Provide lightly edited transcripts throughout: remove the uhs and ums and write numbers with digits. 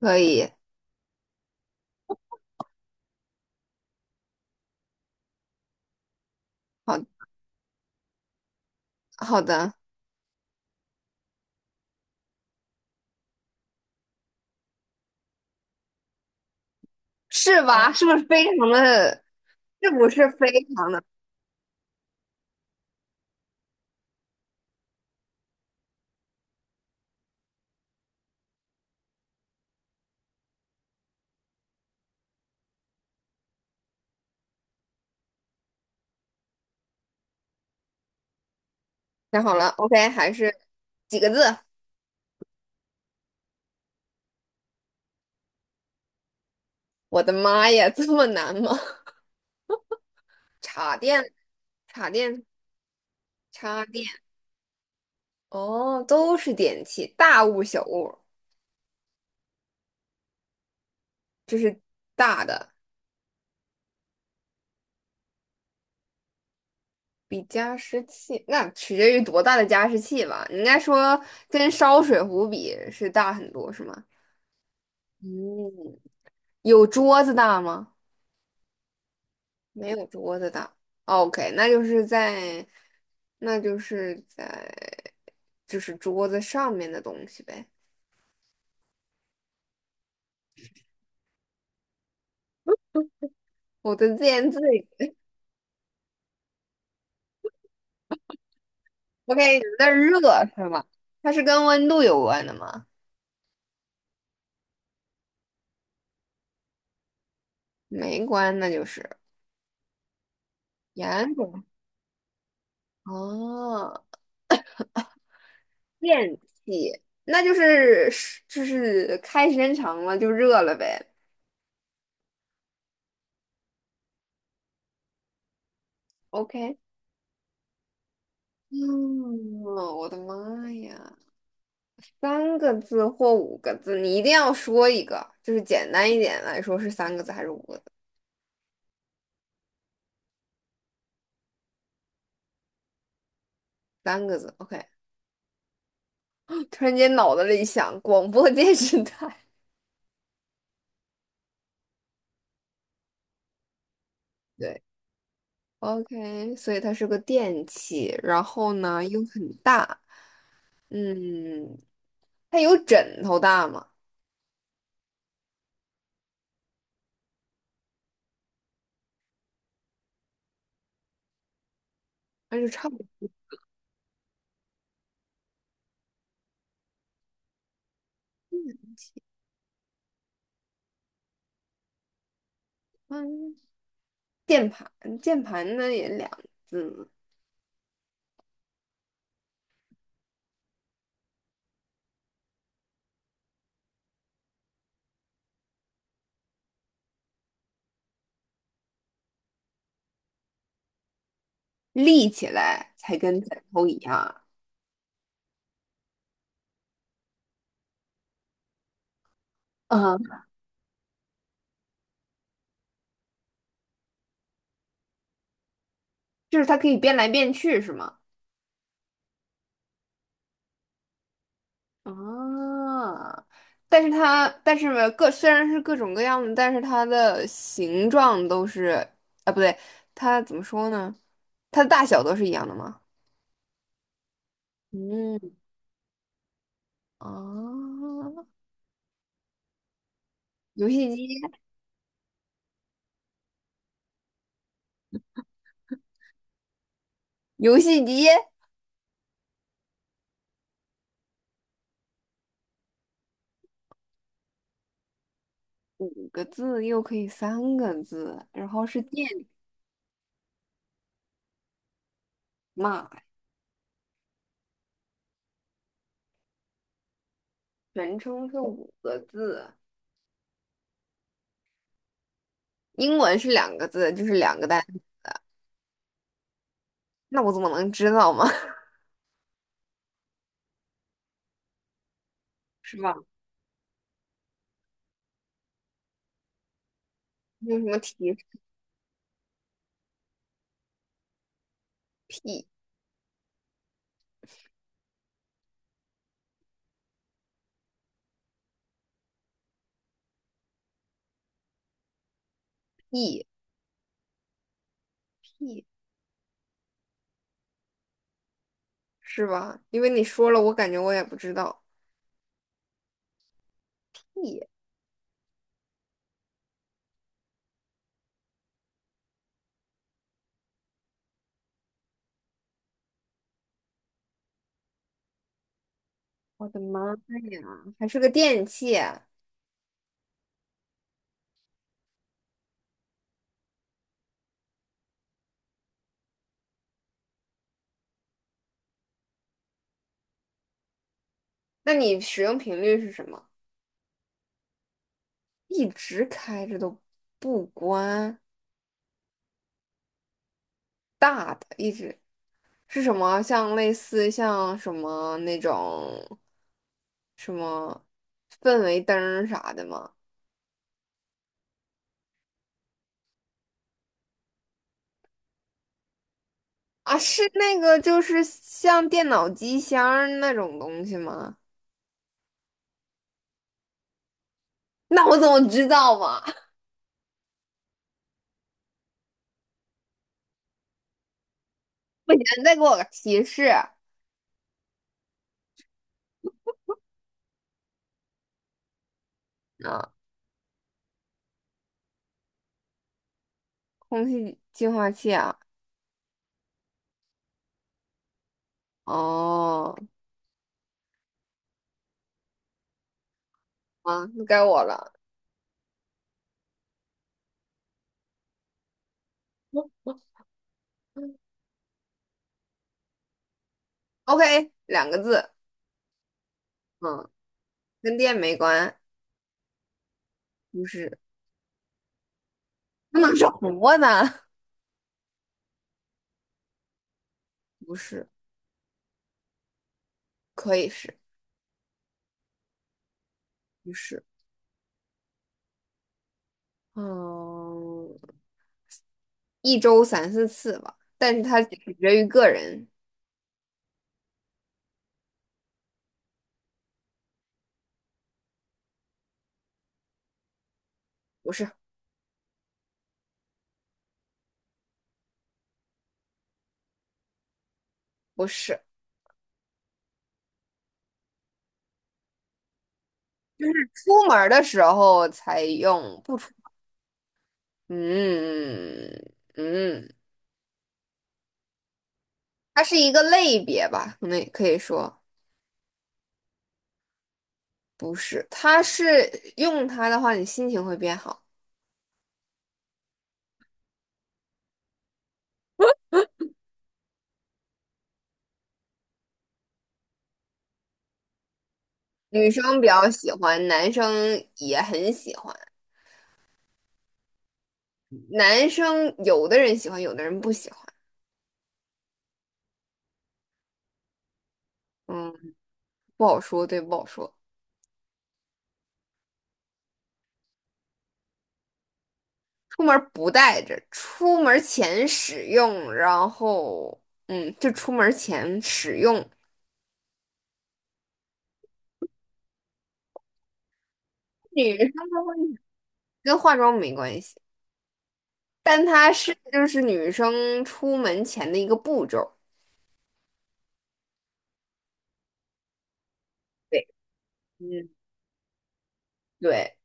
可以，好好的，是吧？是不是非常的？太好了，OK，还是几个字？我的妈呀，这么难吗？插电，插电，插电，哦，都是电器，大物小物，就是大的，比加湿器，那取决于多大的加湿器吧。应该说跟烧水壶比是大很多，是吗？嗯，有桌子大吗？没有桌子的。OK，那就是在，就是桌子上面的东西呗。我的自言自语，OK，有点热是吗？它是跟温度有关的吗？没关，那就是盐种哦，电器，那就是是就是开时间长了就热了呗。OK，嗯，我的妈呀！三个字或五个字，你一定要说一个，就是简单一点来说是三个字还是五个字？三个字，OK。突然间脑子里想，广播电视台，对，OK，所以它是个电器，然后呢又很大，嗯，它有枕头大吗？那就差不多。嗯，键盘，键盘呢也两字，立起来才跟枕头一样，嗯，就是它可以变来变去，是吗？啊，但是各虽然是各种各样的，但是它的形状都是，啊，不对，它怎么说呢？它的大小都是一样的吗？嗯，啊，游戏机，游戏机，五个字又可以三个字，然后是电嘛，全称是五个字，英文是两个字，就是两个单，那我怎么能知道嘛？是吧？那有什么提 P E P？是吧？因为你说了，我感觉我也不知道。咦，我的妈呀，还是个电器啊那你使用频率是什么？一直开着都不关，大的一直是什么？像类似像什么那种什么氛围灯儿啥的吗？啊，是那个就是像电脑机箱儿那种东西吗？那我怎么知道嘛？不行，你再给我个提示啊！空气净化器啊！哦，啊，那该我了。OK，两个字，嗯，跟电没关，不是，不能是活的，不是，可以是，不是，嗯，一周三四次吧，但是它取决于个人，不是，不是，出门儿的时候才用，不出，嗯嗯，它是一个类别吧，那可以说不是，它是用它的话，你心情会变好。女生比较喜欢，男生也很喜欢。男生有的人喜欢，有的人不喜欢。嗯，不好说，对，不好说。出门不带着，出门前使用，然后，嗯，就出门前使用。女生的话跟化妆没关系，但它是就是女生出门前的一个步骤。对，嗯，对，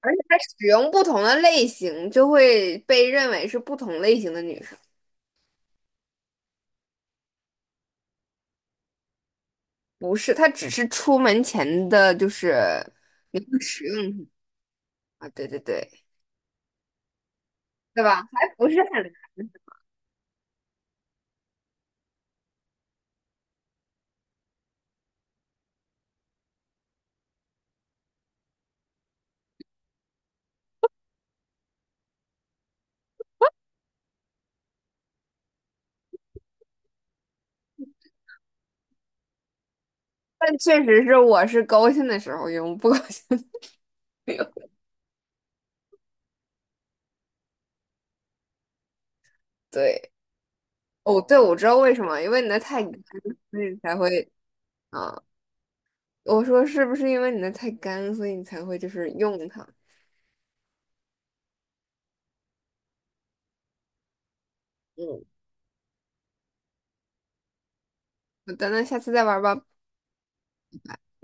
而且它使用不同的类型，就会被认为是不同类型的女生。不是，它只是出门前的，就是你会使用它啊，对对对，对吧？还不是很，但确实是我是高兴的时候用，不高兴的时候用。对，哦，对，我知道为什么，因为你的太干，所以你才会啊。我说是不是因为你的太干，所以你才会就是用它？嗯，好的，那下次再玩吧。